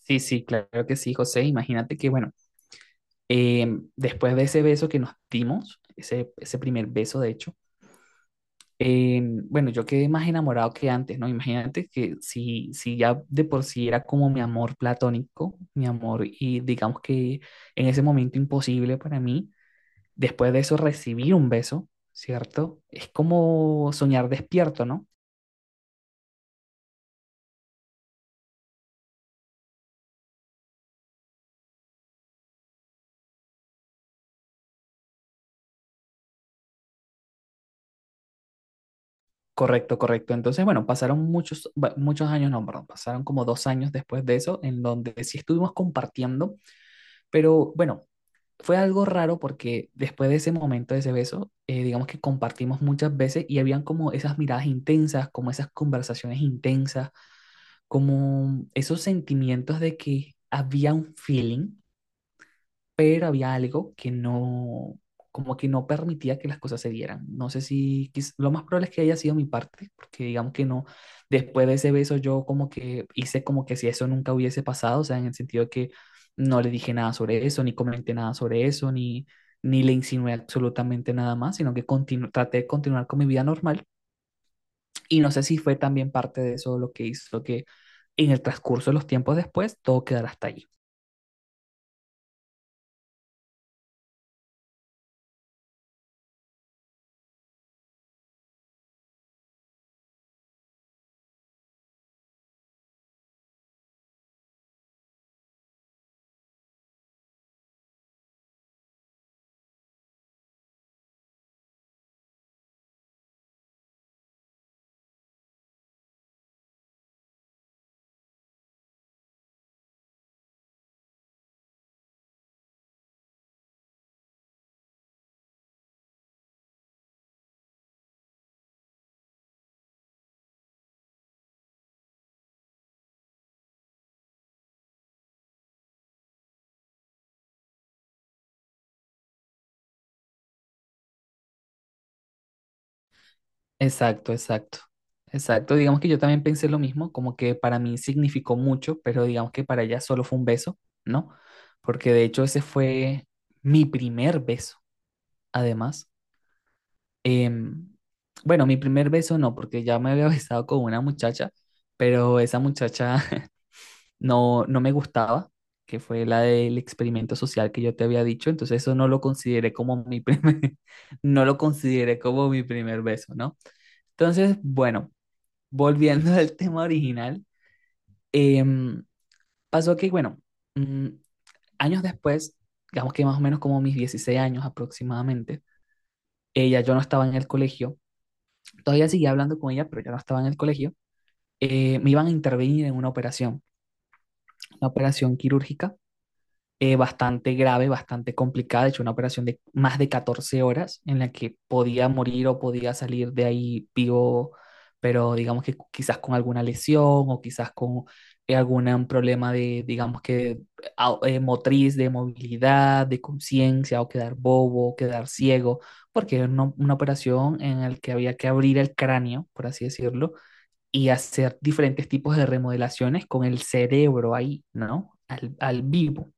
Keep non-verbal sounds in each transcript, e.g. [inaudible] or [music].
Sí, sí, claro que sí, José. Imagínate que, bueno, después de ese beso que nos dimos, ese primer beso, de hecho, bueno, yo quedé más enamorado que antes, ¿no? Imagínate que si ya de por sí era como mi amor platónico, mi amor, y digamos que en ese momento imposible para mí, después de eso recibir un beso, ¿cierto? Es como soñar despierto, ¿no? Correcto, correcto. Entonces, bueno, muchos años, no, perdón, pasaron como dos años después de eso, en donde sí estuvimos compartiendo, pero bueno, fue algo raro porque después de ese momento, de ese beso, digamos que compartimos muchas veces y habían como esas miradas intensas, como esas conversaciones intensas, como esos sentimientos de que había un feeling, pero había algo que no, como que no permitía que las cosas se dieran. No sé si, quiz- Lo más probable es que haya sido mi parte, porque digamos que no, después de ese beso yo como que hice como que si eso nunca hubiese pasado, o sea, en el sentido de que no le dije nada sobre eso, ni comenté nada sobre eso, ni le insinué absolutamente nada más, sino que traté de continuar con mi vida normal. Y no sé si fue también parte de eso lo que hizo que en el transcurso de los tiempos después todo quedara hasta ahí. Exacto, exacto, exacto. Digamos que yo también pensé lo mismo, como que para mí significó mucho, pero digamos que para ella solo fue un beso, ¿no? Porque de hecho ese fue mi primer beso, además. Em, bueno, mi primer beso no, porque ya me había [laughs] besado con una muchacha, pero esa muchacha [laughs] no, no me gustaba, que fue la del experimento social que yo te había dicho, entonces eso no lo consideré como mi primer, [laughs] no lo consideré como mi primer beso, ¿no? Entonces, bueno, volviendo [laughs] al tema original, em, pasó que, bueno, mm, años después, digamos que más o menos como mis 16 años aproximadamente, ella, yo no estaba en el colegio, todavía seguía hablando con ella, pero ya no estaba en el colegio, me iban a intervenir en una operación quirúrgica, bastante grave, bastante complicada, de hecho una operación de más de 14 horas en la que podía morir o podía salir de ahí vivo, pero digamos que quizás con alguna lesión o quizás con algún problema de, digamos que motriz, de movilidad, de conciencia o quedar bobo, o quedar ciego, porque era una operación en la que había que abrir el cráneo, por así decirlo, y hacer diferentes tipos de remodelaciones con el cerebro ahí, ¿no? Al vivo.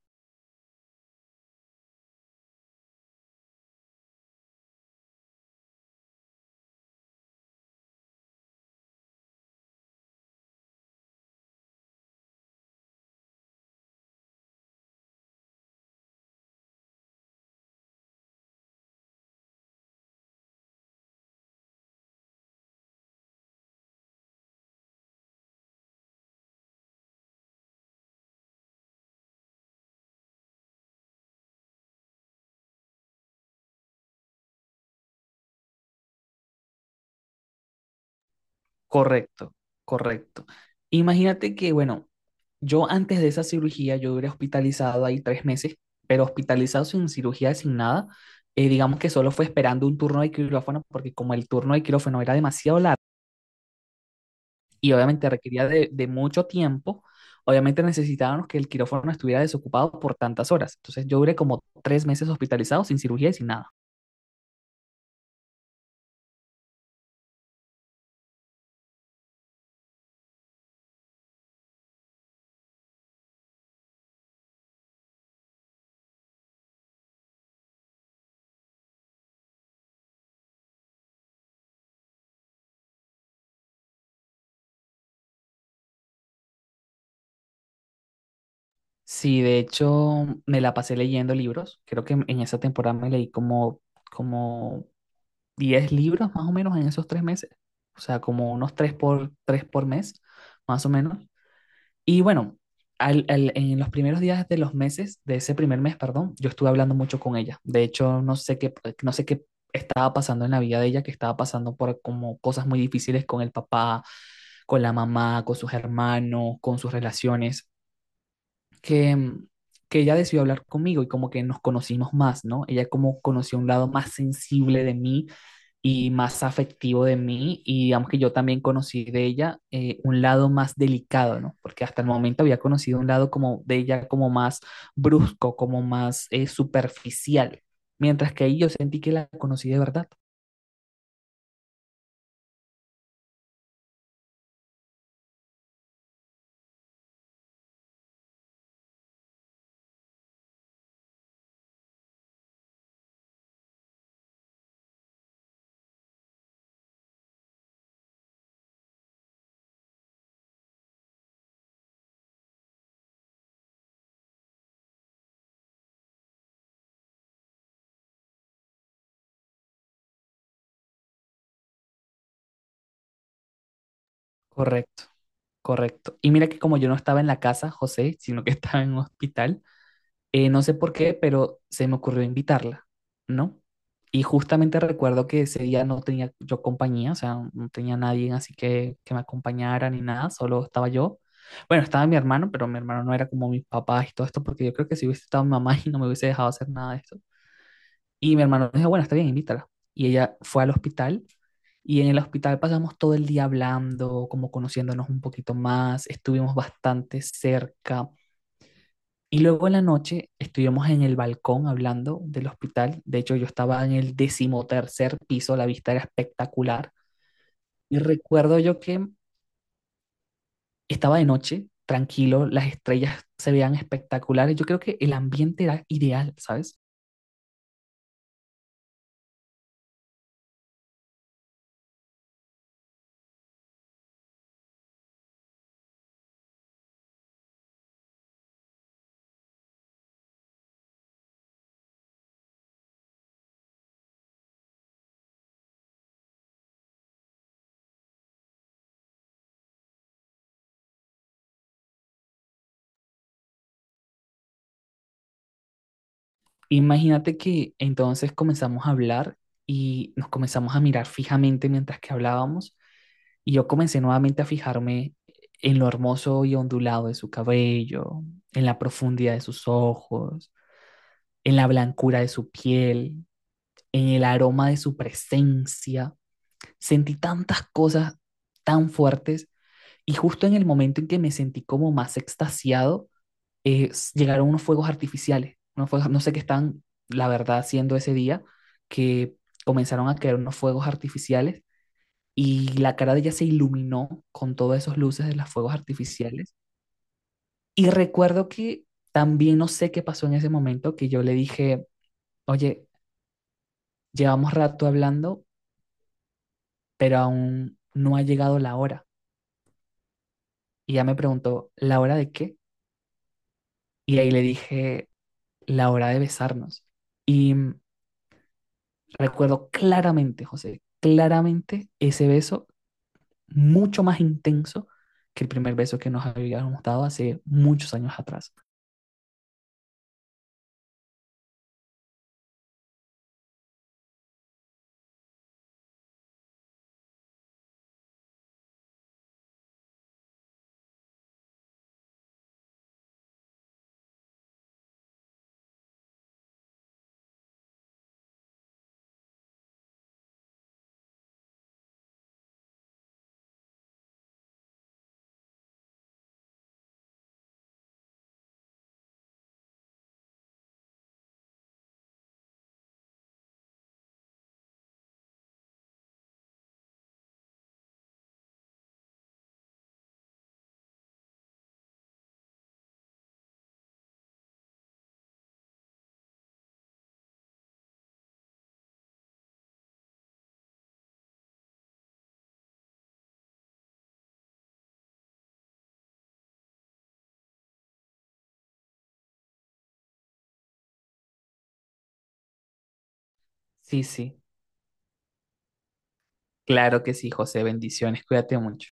Correcto, correcto. Imagínate que, bueno, yo antes de esa cirugía, yo duré hospitalizado ahí 3 meses, pero hospitalizado sin cirugía, sin nada. Digamos que solo fue esperando un turno de quirófano, porque como el turno de quirófano era demasiado largo y obviamente requería de mucho tiempo, obviamente necesitábamos que el quirófano estuviera desocupado por tantas horas. Entonces yo duré como tres meses hospitalizado sin cirugía y sin nada. Sí, de hecho, me la pasé leyendo libros. Creo que en esa temporada me leí como como 10 libros más o menos en esos 3 meses, o sea, como unos tres por mes, más o menos. Y bueno, en los primeros días de los meses, de ese primer mes, perdón, yo estuve hablando mucho con ella. De hecho, no sé qué estaba pasando en la vida de ella, que estaba pasando por como cosas muy difíciles con el papá, con la mamá, con sus hermanos, con sus relaciones que, mm, que ella decidió hablar conmigo y como que nos conocimos más, ¿no? Ella como conoció un lado más sensible de mí y más afectivo de mí y digamos que yo también conocí de ella, un lado más delicado, ¿no? Porque hasta el momento había conocido un lado como de ella como más brusco, como más, superficial, mientras que ahí yo sentí que la conocí de verdad. Correcto, correcto. Y mira que como yo no estaba en la casa, José, sino que [laughs] estaba en un hospital, no sé por qué, pero se me ocurrió invitarla, ¿no? Y justamente recuerdo que ese día no tenía yo compañía, o sea, no tenía nadie así que me acompañara ni nada, solo estaba yo. Bueno, estaba mi hermano, pero mi hermano no era como mis papás y todo esto, porque yo creo que si hubiese estado mi mamá [laughs] y no me hubiese dejado hacer nada de esto. Y mi hermano dijo, bueno, está bien, invítala. Y ella fue al hospital y en el hospital pasamos todo el día hablando, como conociéndonos un poquito más, estuvimos bastante cerca y luego en la noche estuvimos en el balcón hablando del hospital. De hecho, yo estaba en el 13.º piso, la vista era espectacular. Y recuerdo yo que estaba de noche, tranquilo, las estrellas se veían espectaculares. Yo creo que el ambiente era ideal, ¿sabes? Imagínate que entonces comenzamos a hablar y nos comenzamos a mirar fijamente mientras que hablábamos. Y yo comencé nuevamente a fijarme en lo hermoso y ondulado de su cabello, en la profundidad de sus ojos, en la blancura de su piel, en el aroma de su presencia. Sentí tantas cosas tan fuertes y justo en el momento en que me sentí como más extasiado, llegaron unos fuegos artificiales, unos fuegos, no sé qué están, la verdad, haciendo ese día, que comenzaron a caer unos fuegos artificiales y la cara de ella se iluminó con todas esas luces de los fuegos artificiales. Y recuerdo que también no sé qué pasó en ese momento, que yo le dije, oye, llevamos rato hablando, pero aún no ha llegado la hora. Y ya me preguntó, ¿la hora de qué? Y ahí le dije, la hora de besarnos. Y mm, recuerdo claramente, José, claramente ese beso mucho más intenso que el primer beso que nos habíamos dado hace muchos años atrás. Sí, sí, claro que sí, José, bendiciones, cuídate mucho.